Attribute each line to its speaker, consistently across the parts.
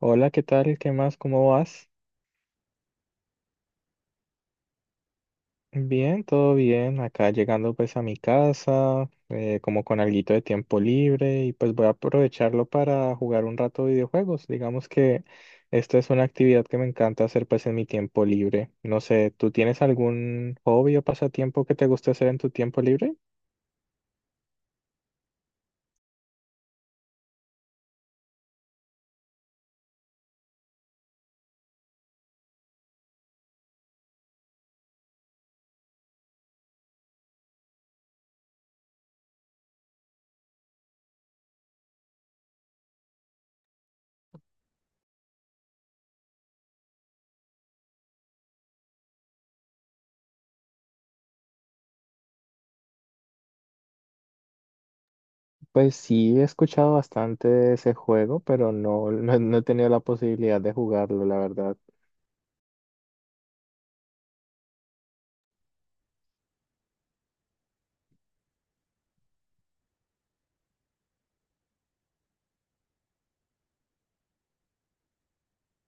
Speaker 1: Hola, ¿qué tal? ¿Qué más? ¿Cómo vas? Bien, todo bien. Acá llegando pues a mi casa, como con alguito de tiempo libre y pues voy a aprovecharlo para jugar un rato videojuegos. Digamos que esta es una actividad que me encanta hacer pues en mi tiempo libre. No sé, ¿tú tienes algún hobby o pasatiempo que te guste hacer en tu tiempo libre? Pues sí, he escuchado bastante de ese juego, pero no, no, no he tenido la posibilidad de jugarlo, la verdad.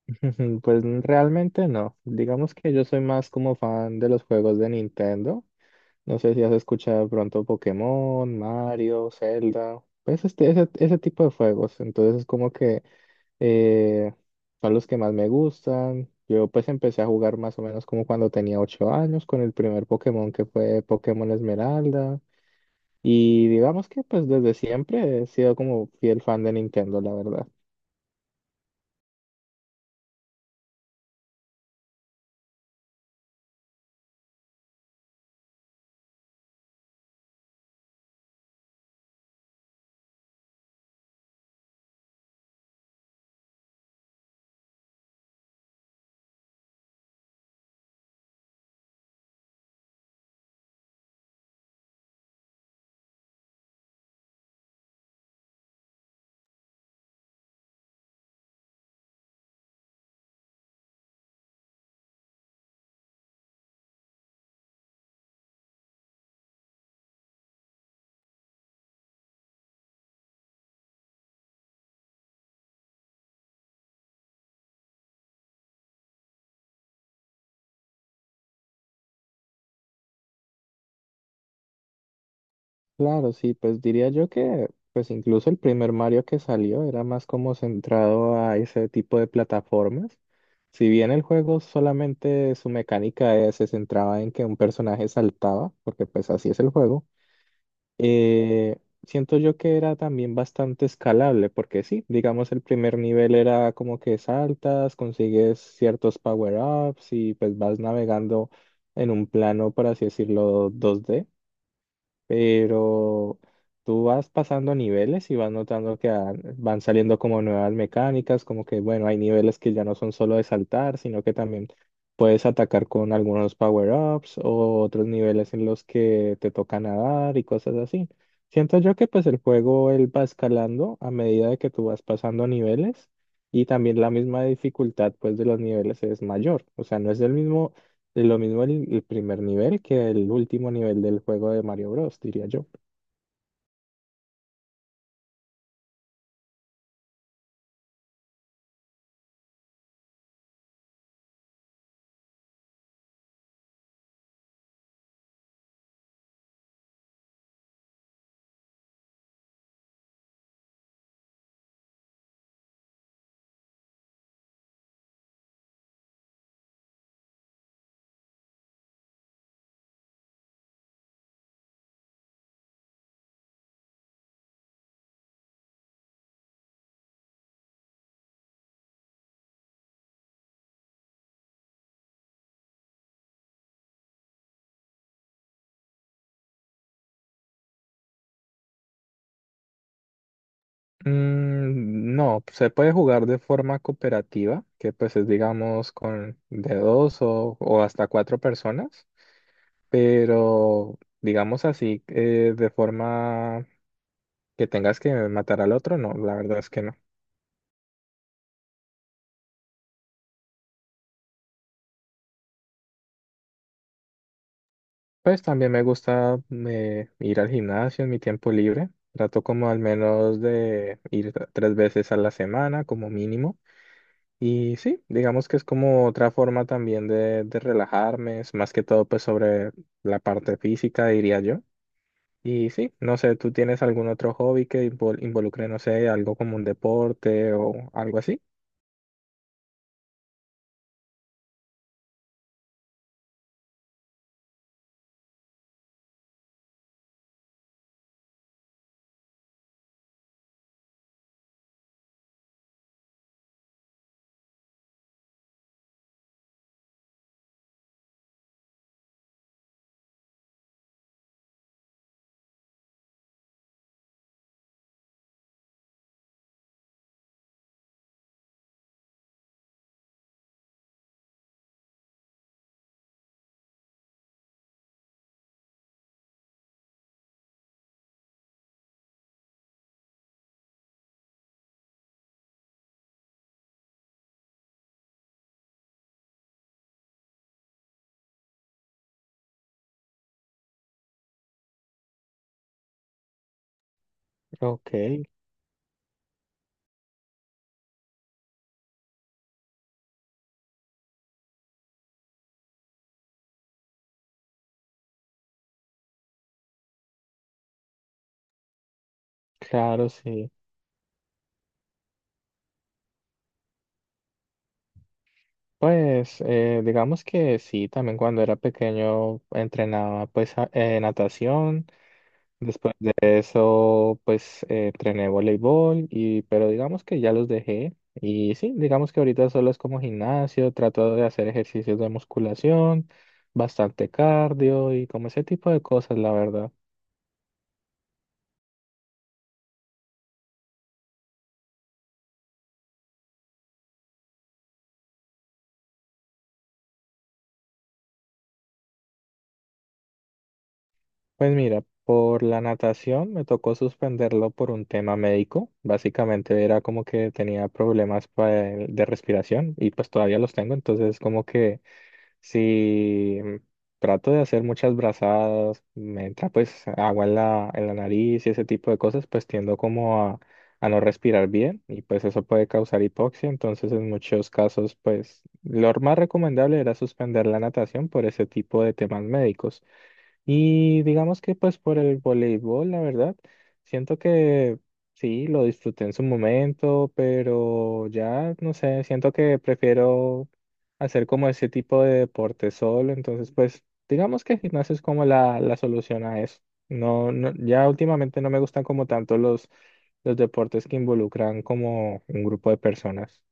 Speaker 1: Ujú, pues realmente no. Digamos que yo soy más como fan de los juegos de Nintendo. No sé si has escuchado de pronto Pokémon, Mario, Zelda, pues ese tipo de juegos. Entonces es como que eh, son los que más me gustan. Yo pues empecé a jugar más o menos como cuando tenía ocho años con el primer Pokémon, que fue Pokémon Esmeralda. Y digamos que pues desde siempre he sido como fiel fan de Nintendo, la verdad. Claro, sí, pues diría yo que pues incluso el primer Mario que salió era más como centrado a ese tipo de plataformas. Si bien el juego solamente su mecánica se centraba en que un personaje saltaba, porque pues así es el juego, eh, siento yo que era también bastante escalable, porque sí, digamos el primer nivel era como que saltas, consigues ciertos power-ups y pues vas navegando en un plano, por así decirlo, 2D, pero tú vas pasando niveles y vas notando que van saliendo como nuevas mecánicas, como que, bueno, hay niveles que ya no son solo de saltar, sino que también puedes atacar con algunos power-ups, o otros niveles en los que te toca nadar y cosas así. Siento yo que pues el juego él va escalando a medida de que tú vas pasando niveles, y también la misma dificultad pues de los niveles es mayor, o sea, no es el mismo de lo mismo el primer nivel que el último nivel del juego de Mario Bros, diría yo. Mm, no, se puede jugar de forma cooperativa, que pues es digamos con de dos o hasta cuatro personas, pero digamos así, de forma que tengas que matar al otro, no, la verdad es que no. Pues también me gusta ir al gimnasio en mi tiempo libre. Trato como al menos de ir tres veces a la semana como mínimo. Y sí, digamos que es como otra forma también de relajarme, es más que todo pues sobre la parte física, diría yo. Y sí, no sé, ¿tú tienes algún otro hobby que involucre, no sé, algo como un deporte o algo así? Ok, claro, sí. Pues digamos que sí, también cuando era pequeño entrenaba pues natación. Después de eso, pues entrené voleibol y, pero digamos que ya los dejé. Y sí, digamos que ahorita solo es como gimnasio, trato de hacer ejercicios de musculación, bastante cardio y como ese tipo de cosas, la verdad. Pues mira, por la natación me tocó suspenderlo por un tema médico. Básicamente era como que tenía problemas de respiración y pues todavía los tengo, entonces como que sí, trato de hacer muchas brazadas, me entra pues agua en la nariz y ese tipo de cosas, pues tiendo como a no respirar bien y pues eso puede causar hipoxia, entonces en muchos casos pues lo más recomendable era suspender la natación por ese tipo de temas médicos. Y digamos que pues por el voleibol, la verdad, siento que sí, lo disfruté en su momento, pero ya, no sé, siento que prefiero hacer como ese tipo de deporte solo, entonces pues digamos que gimnasio es como la solución a eso. No, no, ya últimamente no me gustan como tanto los deportes que involucran como un grupo de personas.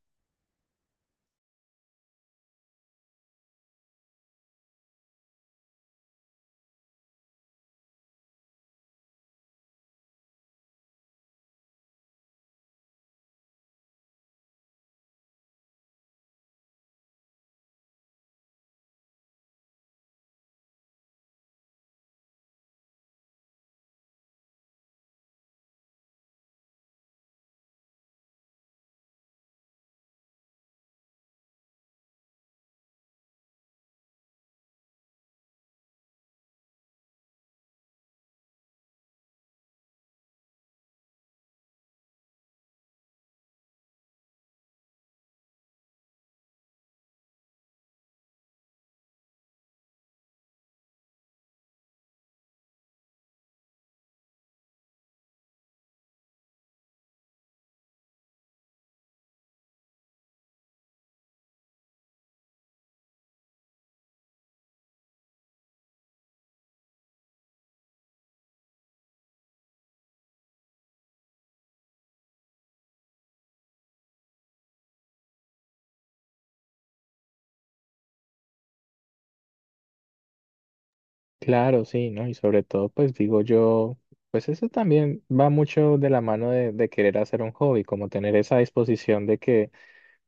Speaker 1: Claro, sí, ¿no? Y sobre todo, pues digo yo, pues eso también va mucho de la mano de querer hacer un hobby, como tener esa disposición de que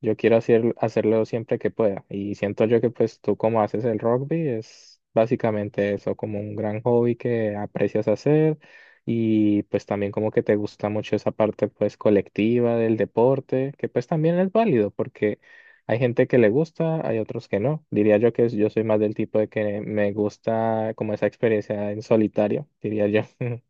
Speaker 1: yo quiero hacer, hacerlo siempre que pueda. Y siento yo que pues tú como haces el rugby es básicamente eso, como un gran hobby que aprecias hacer, y pues también como que te gusta mucho esa parte pues colectiva del deporte, que pues también es válido porque hay gente que le gusta, hay otros que no. Diría yo que yo soy más del tipo de que me gusta como esa experiencia en solitario, diría yo.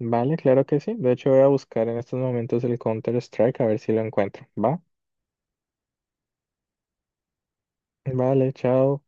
Speaker 1: Vale, claro que sí. De hecho voy a buscar en estos momentos el Counter Strike a ver si lo encuentro. ¿Va? Vale, chao.